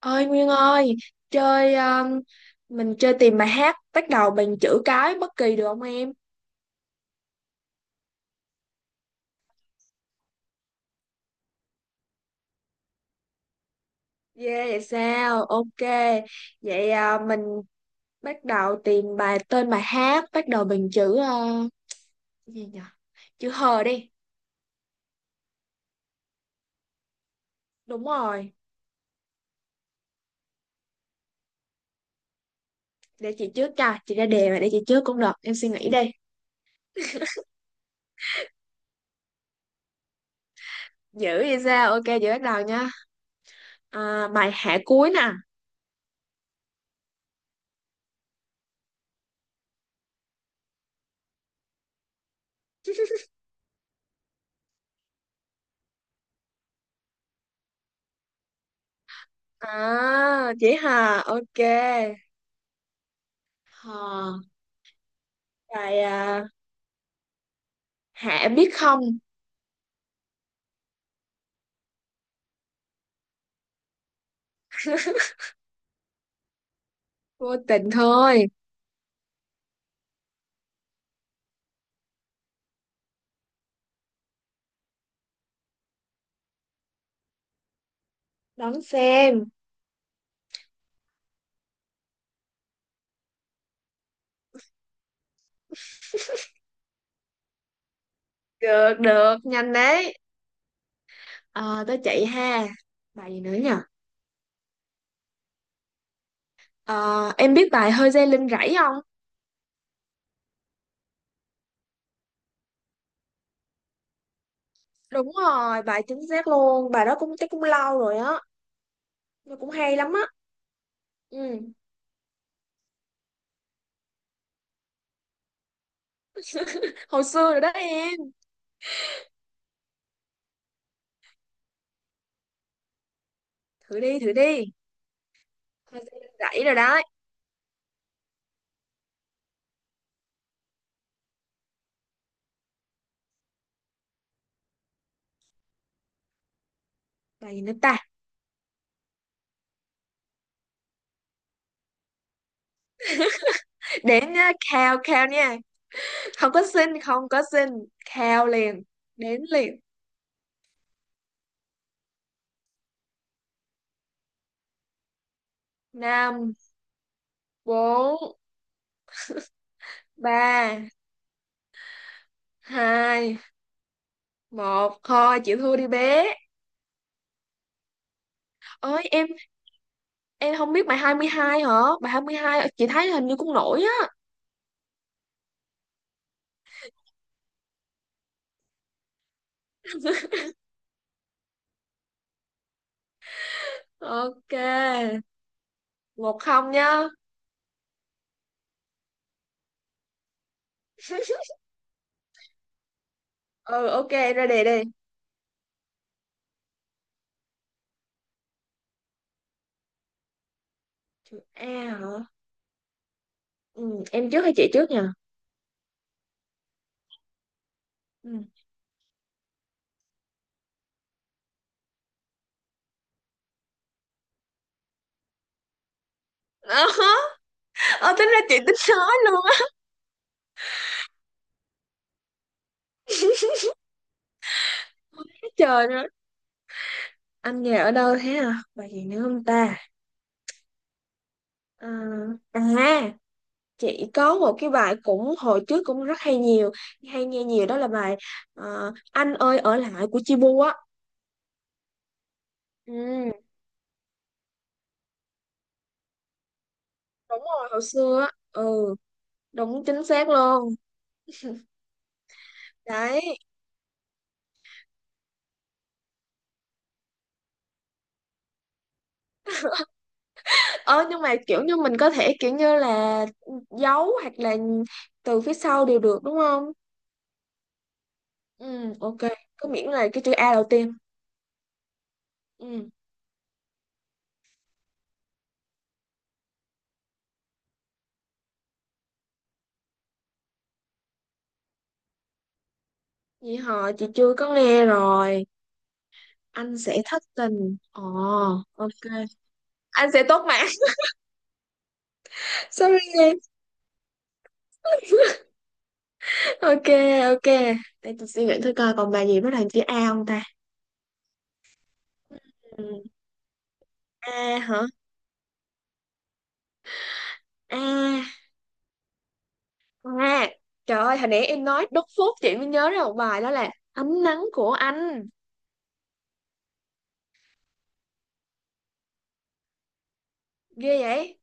Ơi Nguyên ơi, chơi mình chơi tìm bài hát bắt đầu bằng chữ cái bất kỳ được không em? Yeah, vậy sao? Ok. Vậy à, mình bắt đầu tìm tên bài hát bắt đầu bằng chữ gì nhỉ, chữ hờ đi. Đúng rồi. Để chị trước, cho chị ra đề mà, để chị trước cũng được, em suy nghĩ đi. Dữ vậy sao? Ok, chị bắt đầu nha. À, bài Hạ cuối nè. À, chị hà. Ok, hờ. Bài à, Hả biết không? Vô tình thôi. Đón xem. Được, được, nhanh đấy. Ờ, tới chị ha. Bài gì nữa nhỉ? Ờ, em biết bài Hơi dây lưng rẫy không? Đúng rồi, bài chính xác luôn. Bài đó cũng chắc cũng lâu rồi á. Nó cũng hay lắm á. Ừ, hồi xưa rồi đó em. Thử đi, thử đi. Hơi dây lưng rẫy rồi đó. Bài gì nữa ta? Đến nhá, khao, khao nha. Không có xin, không có xin. Khao liền. Đến liền. Năm, bốn, ba, hai, một, thôi chịu thua đi bé ơi. Em không biết bài 22 hả? Bài 22 chị thấy hình như cũng nổi á. Ok, một không nhá. Ừ, ok, em ra đề đi. Chữ A hả? Ừ, em trước hay chị trước nha. Ừ. Ờ, tính ra chị tính nói luôn á. Trời ơi, Anh nhà ở đâu thế, à bài gì nữa không ta? À, à, chị có một cái bài cũng hồi trước cũng rất hay, nhiều, hay nghe nhiều, đó là bài Anh ơi ở lại của Chibu á. Ừ, đúng rồi, hồi xưa á. Ừ, đúng, chính xác luôn. Đấy. Ờ, nhưng mà kiểu như mình có thể kiểu như là giấu hoặc là từ phía sau đều được đúng không? Ừ, ok, cứ miễn là cái chữ A đầu tiên. Ừ, vậy họ, chị chưa có nghe rồi. Anh sẽ thất tình, ồ. Ok, Anh sẽ tốt mà. Sorry. Ok. Ok. Để tôi suy nghĩ thử coi còn bài gì bắt đầu chữ A không ta. Ừ. A hả? A. A. Trời ơi, hồi nãy em nói đốt phốt chị mới nhớ ra một bài đó là Ánh nắng của anh. Ghê vậy.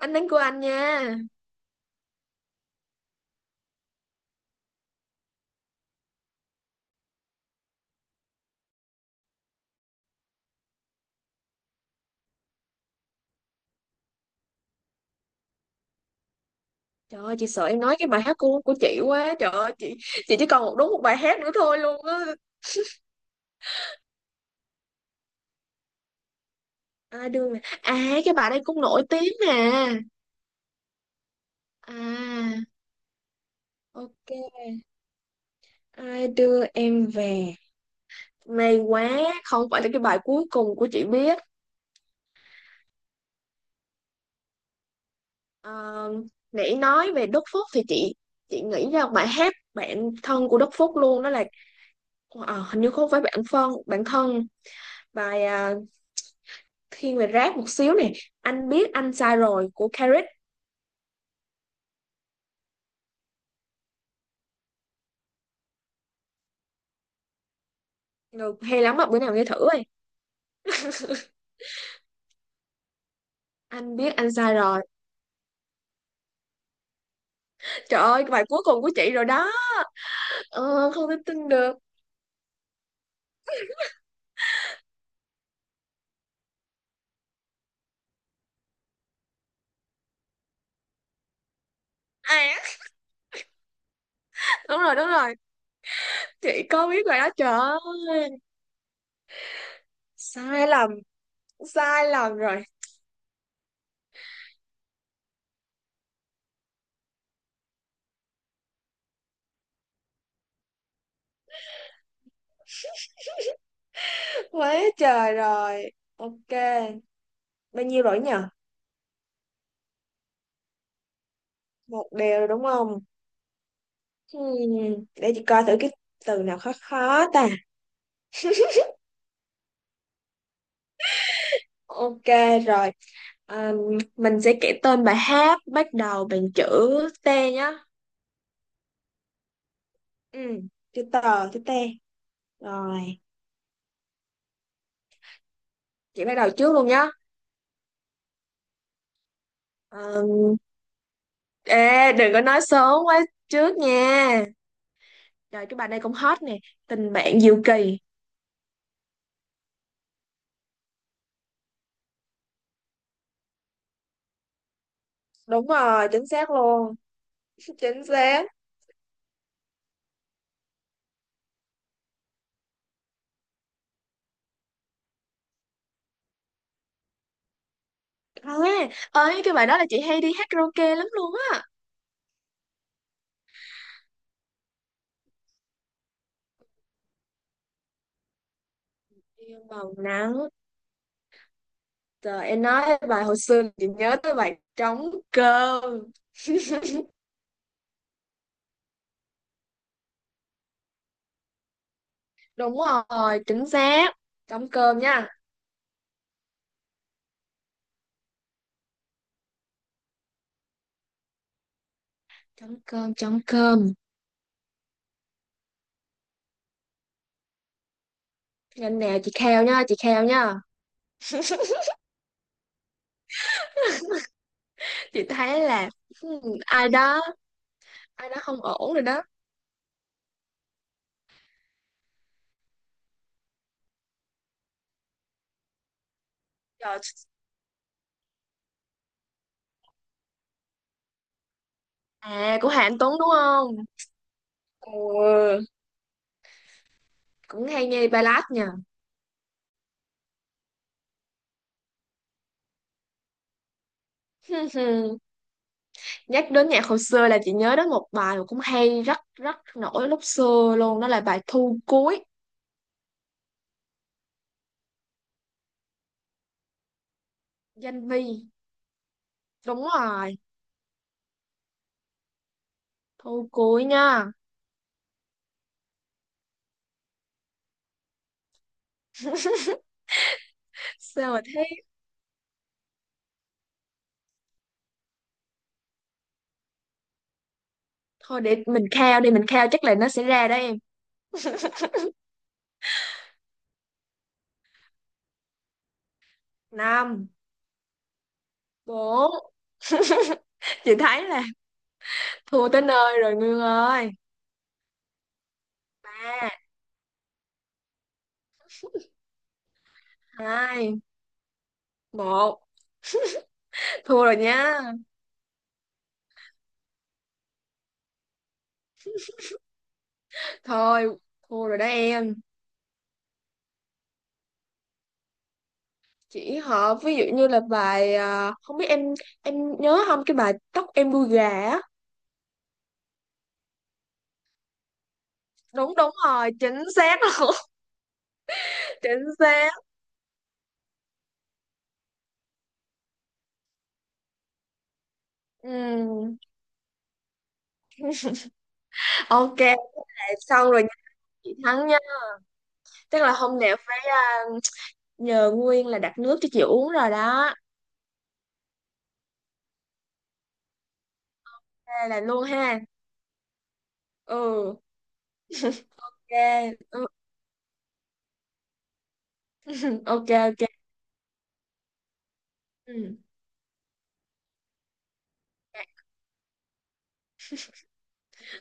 Ánh nắng của anh nha. Trời ơi, chị sợ em nói cái bài hát của chị quá. Trời ơi, chị chỉ còn một, đúng một bài hát nữa thôi luôn á. À đưa mà à cái bài đây cũng nổi tiếng mà. À, ok, Ai đưa em về. May quá, không phải là cái bài cuối cùng của chị biết. Ờ, nãy nói về Đức Phúc thì chị nghĩ ra bài hát Bạn thân của Đức Phúc luôn, đó là, ờ, hình như không phải bạn thân, bài à, thiên về rap một xíu nè, Anh biết anh sai rồi của Carrick. Được, hay lắm, mà bữa nào nghe thử ơi. Anh biết anh sai rồi. Trời ơi, cái bài cuối cùng của chị rồi đó. Ờ, không thể tin được. À, đúng rồi, đúng rồi, chị có biết bài đó. Trời ơi, sai lầm, sai lầm rồi. Quá trời rồi. Ok. Bao nhiêu rồi nhỉ? Một đều rồi đúng không? Hmm. Để chị coi thử cái từ nào khó khó ta. Ok rồi. À, mình sẽ kể tên bài hát bắt đầu bằng chữ T nhá. Ừ. Chữ tờ, chữ T. Rồi. Chị bắt đầu trước luôn nhá. Ờ, ê, đừng có nói sớm quá trước nha. Trời, cái bài này cũng hot nè. Tình bạn diệu kỳ. Đúng rồi, chính xác luôn. Chính xác. À, ơi cái bài đó là chị hay đi hát karaoke lắm luôn á. Yêu màu nắng. Trời, em nói bài hồi xưa chị nhớ tới bài Trống cơm. Đúng rồi, chính xác. Trống cơm nha. Trống cơm, trống cơm. Nhanh nè, chị kheo nha, chị kheo nha. Chị thấy là, hmm, ai đó, ai đó không ổn rồi đó. Trời, à của Hà Anh Tuấn đúng không? Ừ, cũng hay nghe ballad nha. Nhắc đến nhạc hồi xưa là chị nhớ đến một bài mà cũng hay, rất rất nổi lúc xưa luôn, đó là bài Thu cuối. Danh Vi, đúng rồi. Thu cuối nha. Sao mà thế? Thôi, để mình khao đi, mình khao chắc là nó sẽ ra đó em. Năm, bốn, chị thấy là thua tới nơi rồi Nguyên ơi, ba, hai, một, thua rồi nha. Thôi, thua rồi đó em. Chỉ họ ví dụ như là bài à, không biết em nhớ không, cái bài Tóc em đuôi gà á. Đúng, đúng rồi, chính xác luôn. Chính xác. Ừ. Ok, xong rồi nha. Chị thắng nha. Tức là hôm nào phải, à, nhờ Nguyên là đặt nước cho chị uống rồi đó. Đây là luôn ha. Ừ, ok. Ừ. Ok, ok. Ừ.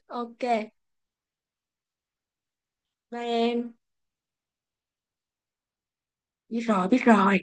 Ok, bye em. Biết rồi, biết rồi.